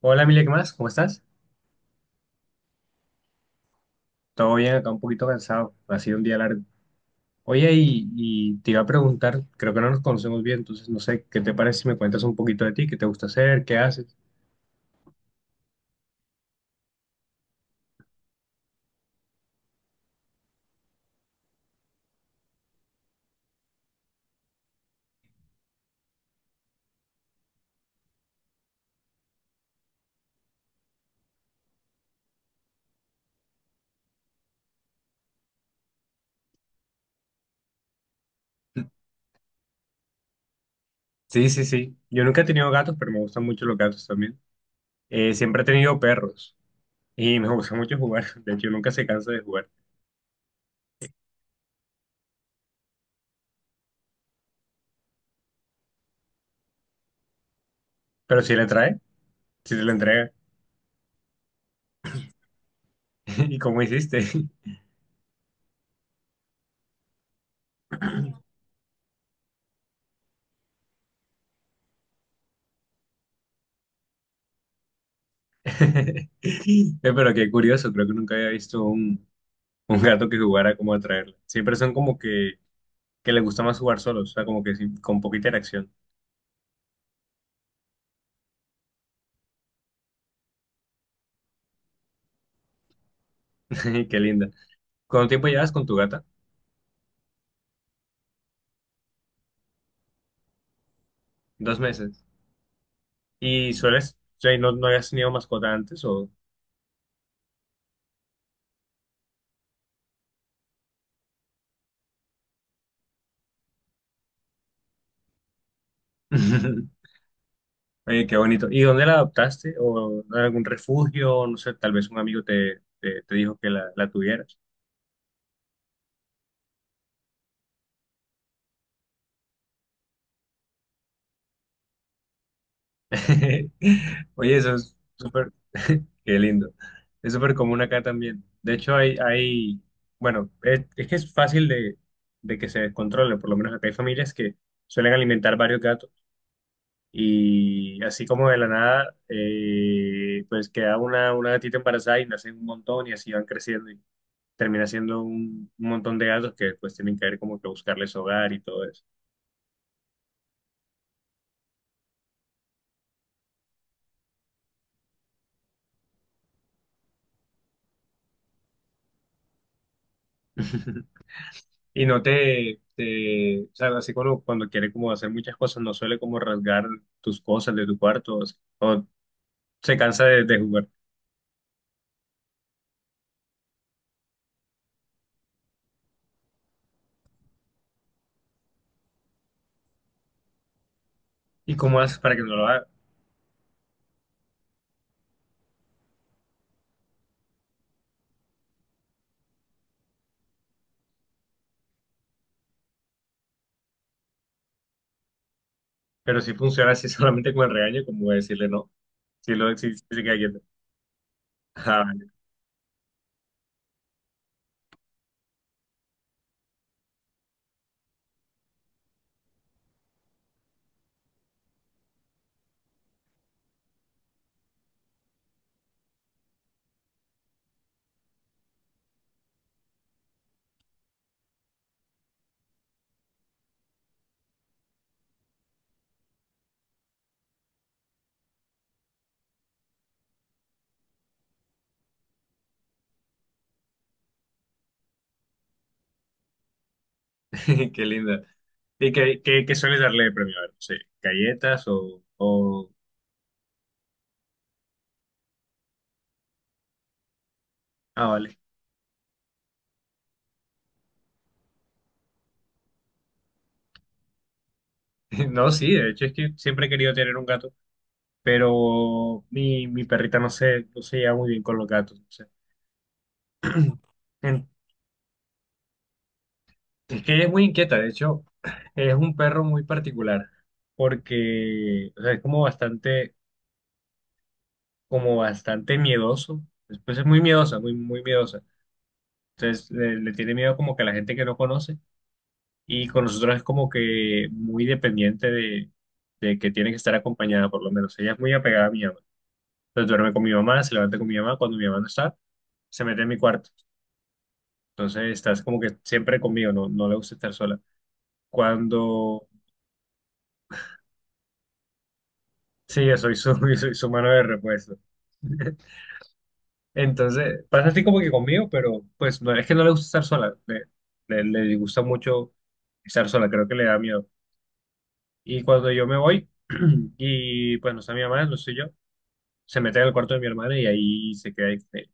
Hola, Emilia, ¿qué más? ¿Cómo estás? Todo bien, acá un poquito cansado. Ha sido un día largo. Oye, y te iba a preguntar, creo que no nos conocemos bien, entonces no sé, ¿qué te parece si me cuentas un poquito de ti? ¿Qué te gusta hacer? ¿Qué haces? Sí, sí, sí. Yo nunca he tenido gatos, pero me gustan mucho los gatos también. Siempre he tenido perros y me gusta mucho jugar. De hecho, nunca se cansa de jugar. Pero si le trae, si se le entrega. ¿Y cómo hiciste? Pero qué curioso, creo que nunca había visto un gato que jugara como a traerla. Siempre son como que le gusta más jugar solo, o sea, como que sí, con poquita interacción. Qué linda. ¿Cuánto tiempo llevas con tu gata? Dos meses. ¿Y sueles, o sea, no habías tenido mascota antes o...? Oye, qué bonito. ¿Y dónde la adoptaste? ¿O en algún refugio? No sé, tal vez un amigo te dijo que la tuvieras. Oye, eso es súper... Qué lindo. Es súper común acá también. De hecho, bueno, es que es fácil de que se descontrole. Por lo menos acá hay familias que suelen alimentar varios gatos. Y así como de la nada, pues queda una gatita embarazada y nacen un montón y así van creciendo y termina siendo un montón de gatos que después tienen que ver como que buscarles hogar y todo eso. Y no te, o sea, así cuando quiere como hacer muchas cosas, no suele como rasgar tus cosas de tu cuarto o se cansa de jugar. ¿Y cómo haces para que no lo haga? Pero si funciona así solamente con el regaño, como decirle no, si lo si, si se queda quieto. Qué linda. ¿Y qué sueles darle de premio? A ver, no sé, galletas o... Ah, vale. No, sí, de hecho es que siempre he querido tener un gato, pero mi perrita no no se lleva muy bien con los gatos. No sé. En- Es que ella es muy inquieta, de hecho, es un perro muy particular, porque o sea, es como bastante miedoso. Después es muy miedosa, muy miedosa. Entonces le tiene miedo como que a la gente que no conoce. Y con nosotros es como que muy dependiente de que tiene que estar acompañada, por lo menos. Ella es muy apegada a mi mamá. Entonces duerme con mi mamá, se levanta con mi mamá. Cuando mi mamá no está, se mete en mi cuarto. Entonces estás como que siempre conmigo, no, no le gusta estar sola. Cuando... Sí, yo soy yo soy su mano de repuesto. Entonces pasa así como que conmigo, pero pues no es que no le gusta estar sola. Le disgusta mucho estar sola, creo que le da miedo. Y cuando yo me voy, y pues no está mi mamá, no soy yo. Se mete al cuarto de mi hermana y ahí se queda.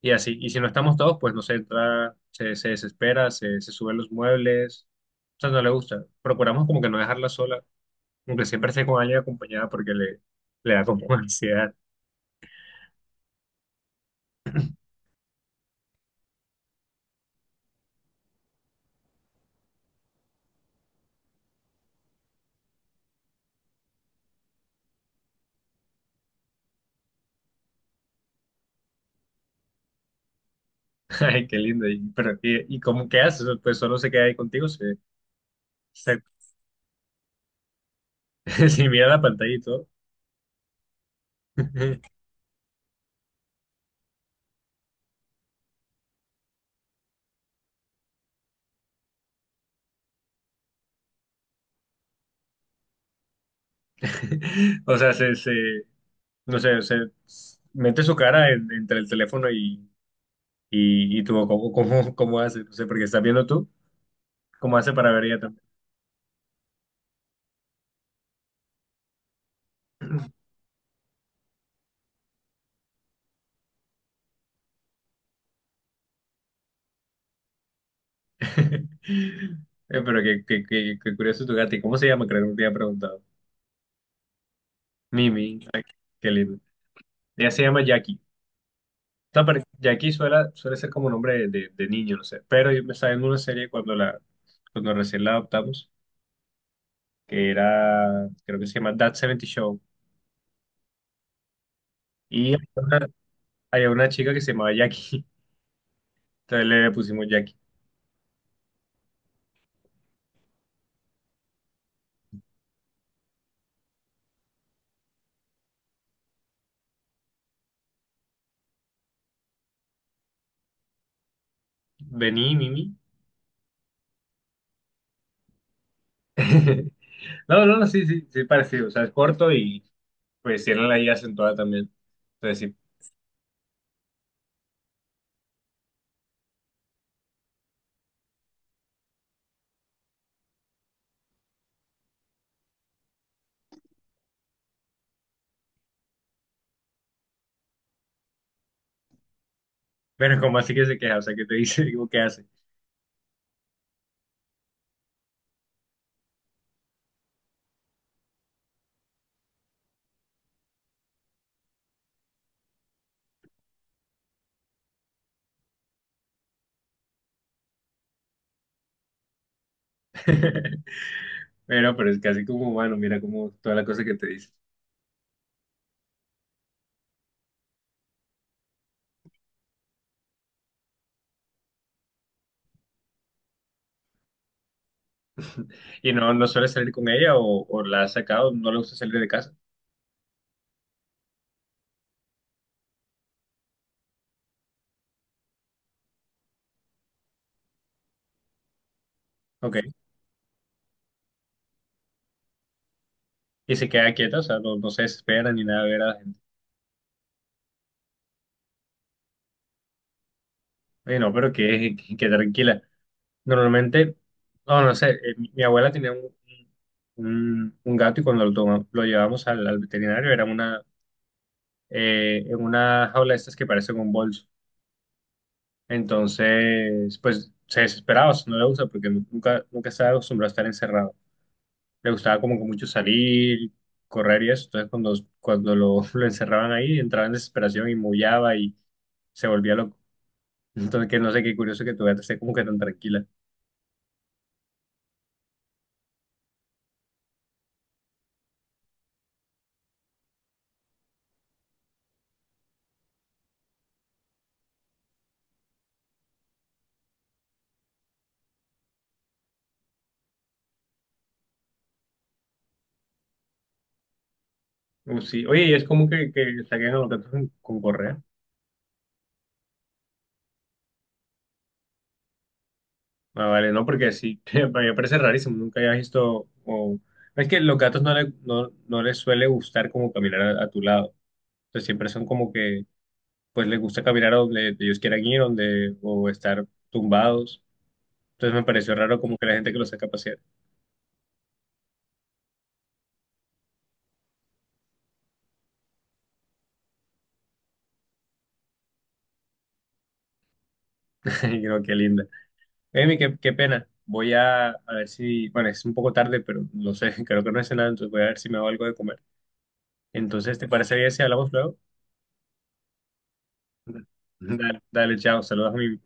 Y así, y si no estamos todos, pues no sé, entra, se desespera, se sube los muebles, o sea, no le gusta. Procuramos como que no dejarla sola, aunque siempre esté con alguien acompañada porque le da como ansiedad. Ay, qué lindo. Y, pero, y cómo qué haces? Pues solo se queda ahí contigo, se, si mira la pantalla y todo. O sea, no sé, se mete su cara entre el teléfono y tú, cómo haces? No sé, porque estás viendo tú. ¿Cómo hace para ver ella también? Pero qué curioso tu gata. ¿Y cómo se llama? Creo que no te había preguntado. Mimi. Ay, qué lindo. Ella se llama Jackie. No, pero Jackie suele, suele ser como nombre de, de niño, no sé. Pero yo me estaba viendo una serie cuando recién la adoptamos, que era, creo que se llama That 70 Show. Y había una chica que se llamaba Jackie. Entonces le pusimos Jackie. Vení, Mimi. No, no, no, sí, sí, sí, parecido. O sea, es corto y pues tiene la I acentuada también. Entonces sí. Pero, como así que se queja, o sea, que te dice, digo, ¿qué hace? Pero es casi como bueno, mira como toda la cosa que te dice. Y no, no suele salir con ella o la ha sacado, no le gusta salir de casa. Ok. Y se queda quieta, o sea, no, no se desespera ni nada de ver a la gente. Oye, no, pero que tranquila. Normalmente, no, no sé, mi abuela tenía un gato y cuando lo llevamos al veterinario era una, en una jaula de estas que parece un bolso. Entonces, pues se desesperaba, o sea, no le gusta porque nunca, nunca estaba acostumbrado a estar encerrado. Le gustaba como que mucho salir, correr y eso. Entonces, cuando lo, lo encerraban ahí, entraba en desesperación y maullaba y se volvía loco. Entonces, que no sé qué curioso que tu gata esté como que tan tranquila. Sí. Oye, y es como que saquen a los gatos con correa. Ah, vale, no, porque sí, para mí me parece rarísimo. Nunca había visto. O... Es que los gatos no, no, no les suele gustar como caminar a tu lado. Entonces, siempre son como que pues les gusta caminar a donde ellos quieran ir, donde, o estar tumbados. Entonces me pareció raro como que la gente que los saca a pasear. Y creo que linda. Amy, qué pena. Voy a ver si, bueno, es un poco tarde, pero no sé, creo que no es nada, entonces voy a ver si me hago algo de comer. Entonces, ¿te parece bien si hablamos luego? Dale, dale, chao, saludos a mi